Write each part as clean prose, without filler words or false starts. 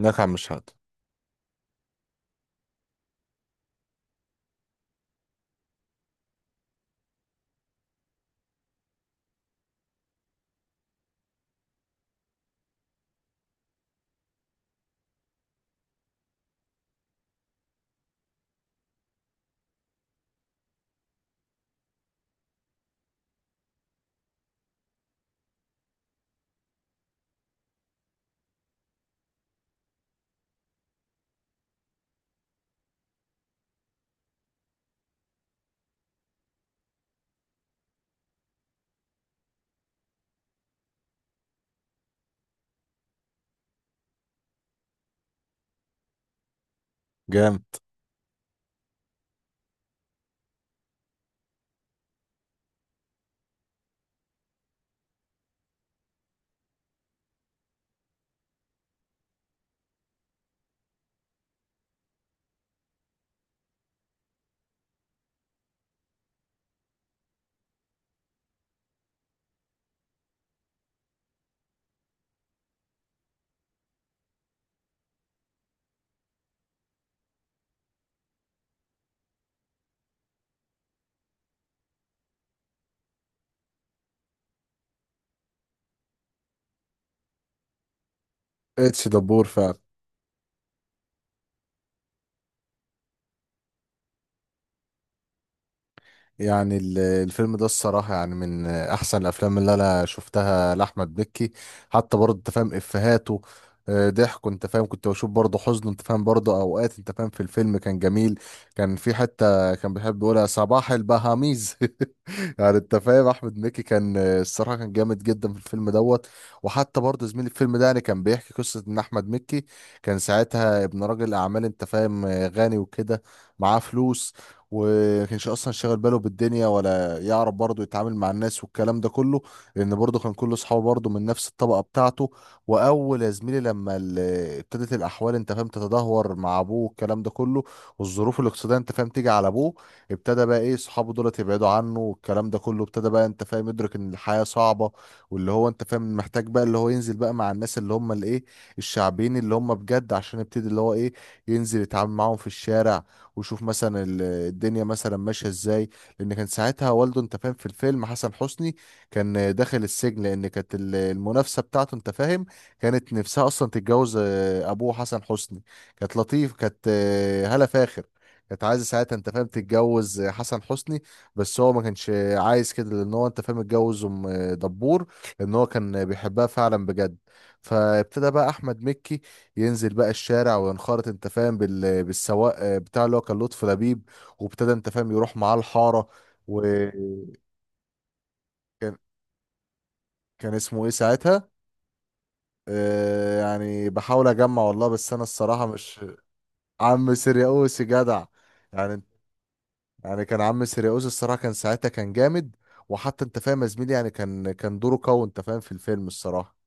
نكع مش هاد. جامد. اتش دبور فعلا. يعني الفيلم ده الصراحة يعني من أحسن الأفلام اللي أنا شفتها لأحمد مكي. حتى برضه أنت فاهم إفيهاته، ضحكه أنت فاهم، كنت بشوف برضه حزنه أنت فاهم برضه أوقات أنت فاهم، في الفيلم كان جميل. كان في حتة كان بيحب يقولها صباح البهاميز يعني أنت فاهم أحمد مكي كان الصراحة كان جامد جدا في الفيلم دوت. وحتى برضه زميل الفيلم ده يعني كان بيحكي قصة إن أحمد مكي كان ساعتها ابن راجل أعمال أنت فاهم، غني وكده، معاه فلوس، وما كانش اصلا شاغل باله بالدنيا ولا يعرف برضه يتعامل مع الناس والكلام ده كله، لان برضه كان كل اصحابه برضه من نفس الطبقه بتاعته. واول يا زميلي لما ابتدت الاحوال انت فاهم تتدهور مع ابوه والكلام ده كله، والظروف الاقتصاديه انت فاهم تيجي على ابوه، ابتدى بقى ايه اصحابه دولت يبعدوا عنه والكلام ده كله، ابتدى بقى انت فاهم يدرك ان الحياه صعبه، واللي هو انت فاهم محتاج بقى اللي هو ينزل بقى مع الناس اللي هم الايه، الشعبيين اللي هم بجد، عشان يبتدي اللي هو ايه، ينزل يتعامل معاهم في الشارع ويشوف مثلا الدنيا مثلا ماشيه ازاي. لان كان ساعتها والده انت فاهم في الفيلم حسن حسني، كان داخل السجن، لان كانت المنافسه بتاعته انت فاهم كانت نفسها اصلا تتجوز ابوه حسن حسني. كانت لطيف، كانت هالة فاخر، كانت عايزه ساعتها انت فاهم تتجوز حسن حسني، بس هو ما كانش عايز كده لان هو انت فاهم اتجوز ام دبور، لان هو كان بيحبها فعلا بجد. فابتدى بقى احمد مكي ينزل بقى الشارع وينخرط انت فاهم بالسواق بتاع اللي هو كان لطفي لبيب، وابتدى انت فاهم يروح معاه الحارة. وكان اسمه ايه ساعتها؟ يعني بحاول اجمع والله، بس انا الصراحة مش عم سيرياوس جدع. يعني يعني كان عم سيرياوس الصراحة كان ساعتها كان جامد، وحتى انت فاهم يا زميلي يعني كان دوره قوي انت فاهم في الفيلم الصراحة.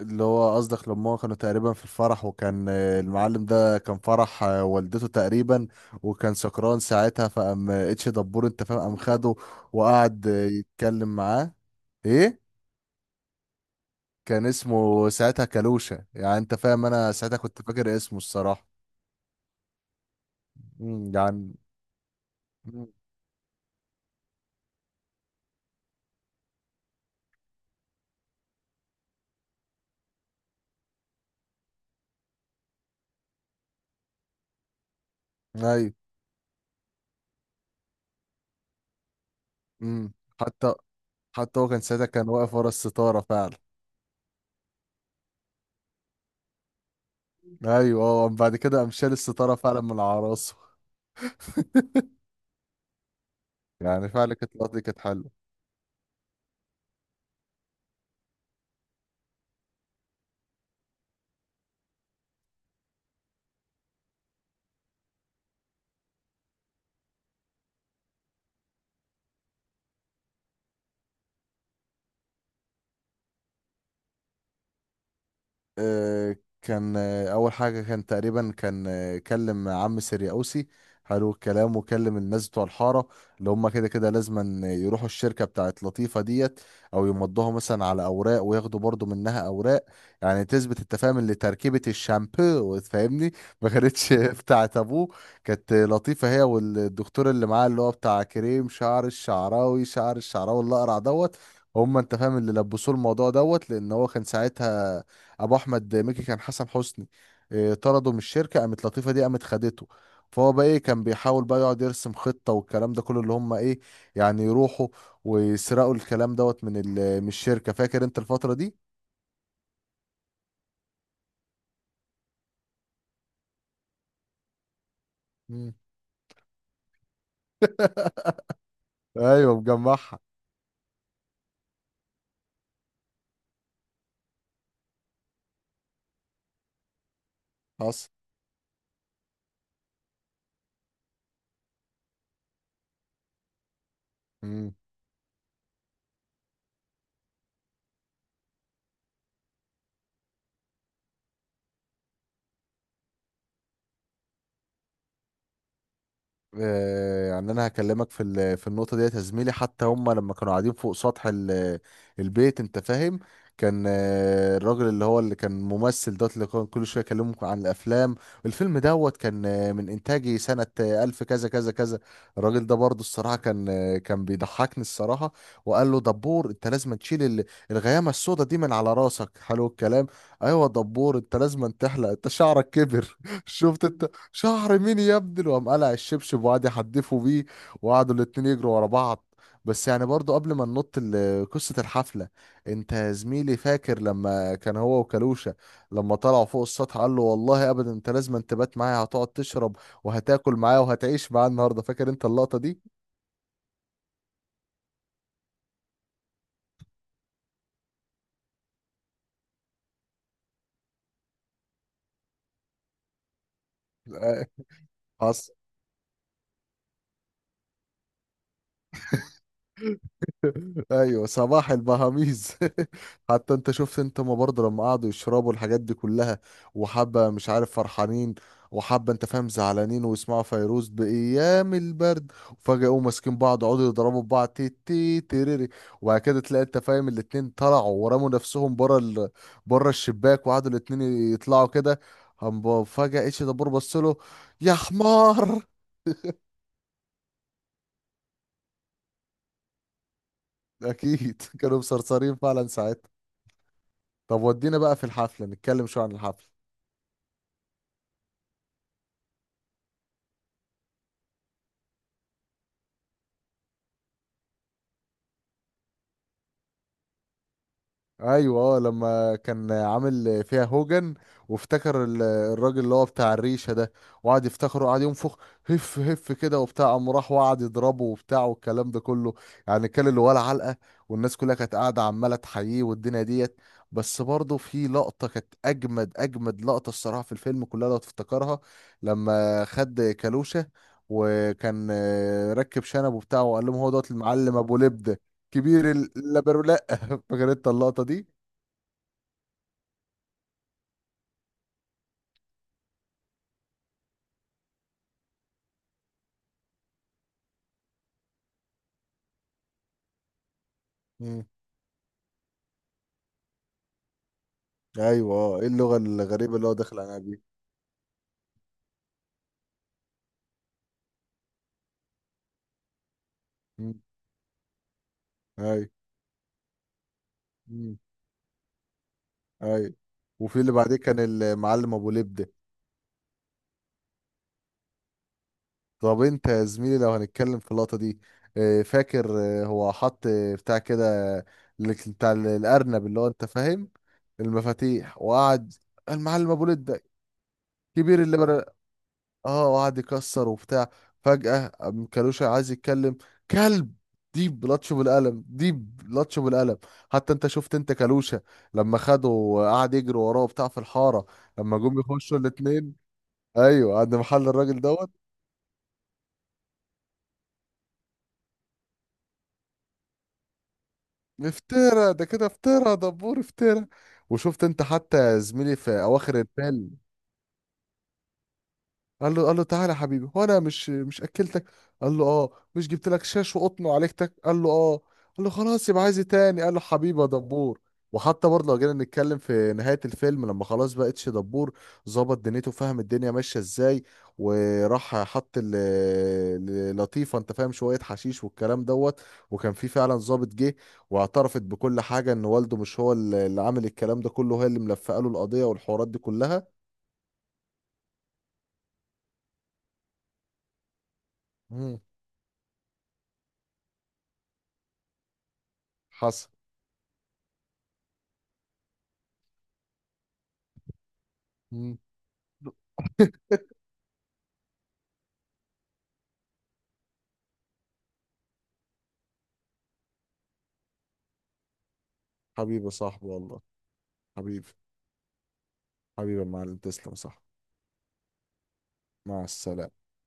اللي هو قصدك لما هو كانوا تقريبا في الفرح، وكان المعلم ده كان فرح والدته تقريبا، وكان سكران ساعتها، فقام اتش دبور انت فاهم قام خده وقعد يتكلم معاه. ايه؟ كان اسمه ساعتها كالوشة، يعني انت فاهم انا ساعتها كنت فاكر اسمه الصراحة. مم، يعني. مم، ايوه. مم. حتى حتى هو كان ساعتها كان واقف ورا الستارة فعلا. ايوه اه، بعد كده قام شال الستارة فعلا من على راسه. يعني فعلا كانت اللقطة دي كانت حلوة. آه، كان اول حاجه كان تقريبا كان كلم عم سرياوسي حلو الكلام، وكلم الناس بتوع الحاره اللي هم كده كده لازما يروحوا الشركه بتاعت لطيفه ديت، او يمضوها مثلا على اوراق وياخدوا برضو منها اوراق يعني تثبت انت فاهم اللي تركيبه الشامبو فاهمني ما كانتش بتاعت ابوه. كانت لطيفه هي والدكتور اللي معاه اللي هو بتاع كريم شعر الشعراوي، شعر الشعراوي اللي اقرع دوت. هم انت فاهم اللي لبسوه الموضوع دوت، لان هو كان ساعتها ابو احمد مكي كان حسن حسني، طرده من الشركه، قامت لطيفه دي قامت خدته. فهو بقى ايه كان بيحاول بقى يقعد يرسم خطه والكلام ده كله اللي هم ايه يعني يروحوا ويسرقوا الكلام دوت من من الشركه. فاكر انت الفتره دي؟ مم. ايوه مجمعها. حصل. مم. يعني انا هكلمك في في النقطه ديت يا زميلي. حتى هم لما كانوا قاعدين فوق سطح البيت انت فاهم، كان الراجل اللي هو اللي كان ممثل دوت اللي كان كل شويه يكلمهم عن الافلام. الفيلم دوت كان من انتاجي سنه الف كذا كذا كذا. الراجل ده برضو الصراحه كان كان بيضحكني الصراحه. وقال له: دبور، انت لازم تشيل الغيامه السوداء دي من على راسك، حلو الكلام. ايوه دبور، انت لازم تحلق انت شعرك كبر شفت انت شهر مين يا ابني، وقام قلع الشبشب وقعد يحدفوا بيه، وقعدوا الاتنين يجروا ورا بعض. بس يعني برضو قبل ما ننط قصة الحفلة، انت يا زميلي فاكر لما كان هو وكالوشة لما طلعوا فوق السطح، قال له: والله ابدا انت لازم أن تبات معايا، هتقعد تشرب وهتاكل معايا وهتعيش معايا النهارده، فاكر انت اللقطة دي؟ حصل. ايوه صباح البهاميز. حتى انت شفت انت ما برضه لما قعدوا يشربوا الحاجات دي كلها، وحبه مش عارف فرحانين وحبه انت فاهم زعلانين، ويسمعوا فيروز بايام البرد، وفجاه يقوموا ماسكين بعض يقعدوا يضربوا في بعض تي تي تيريري، وبعد كده تلاقي انت فاهم الاتنين طلعوا ورموا نفسهم بره بره الشباك، وقعدوا الاتنين يطلعوا كده، هم فجاه اتش دبور بص له يا حمار. اكيد كانوا مسرسرين فعلا ساعتها. طب ودينا بقى في الحفله، نتكلم شويه عن الحفله. ايوه اه، لما كان عامل فيها هوجن، وافتكر الراجل اللي هو بتاع الريشه ده، وقعد يفتخره وقعد ينفخ هف هف كده وبتاع، قام راح وقعد يضربه وبتاع والكلام ده كله، يعني كان اللي ولا علقه، والناس كلها كانت قاعده عماله تحييه والدنيا ديت. بس برضه في لقطه كانت اجمد اجمد لقطه الصراحه في الفيلم كلها لو تفتكرها: لما خد كالوشه وكان ركب شنب وبتاع، وقال لهم هو دوت المعلم ابو لبده كبير اللبرولات. فاكر انت اللقطه دي؟ مم. ايوه اه، ايه اللغه الغريبه اللي هو داخل عليها دي. مم. ايوه. مم. ايوه، وفي اللي بعديه كان المعلم ابو لبده. طب انت يا زميلي لو هنتكلم في اللقطه دي، فاكر هو حط بتاع كده بتاع الارنب اللي هو انت فاهم المفاتيح. وقعد المعلم ابو لبده كبير اللي اه وقعد يكسر وبتاع، فجأة قام كالوشا عايز يتكلم كلب، دي بلطشه بالقلم، دي بلطشه بالقلم. حتى انت شفت انت كالوشا لما خده وقعد يجري وراه وبتاع في الحارة. لما جم يخشوا الاتنين، ايوه عند محل الراجل دوت، افترى ده كده، افترى دبور افترى. وشفت انت حتى زميلي في اواخر الفيلم، قال له: تعالى يا حبيبي، هو انا مش اكلتك، قال له اه، مش جبت لك شاش وقطن وعليكتك، قال له اه، قال له خلاص يبقى عايز إيه تاني، قال له حبيبي يا دبور. وحتى برضه لو جينا نتكلم في نهاية الفيلم، لما خلاص بقى اتش دبور ظبط دنيته فاهم الدنيا ماشية ازاي، وراح حط لطيفة انت فاهم شوية حشيش والكلام دوت، وكان في فعلا ظابط جه، واعترفت بكل حاجة ان والده مش هو اللي عامل الكلام ده كله، هي اللي ملفقه له القضية والحوارات دي كلها. مم. حصل. مم. حبيبي يا صاحبي والله. حبيبي، حبيبي يا معلم، تسلم صح. مع السلامة.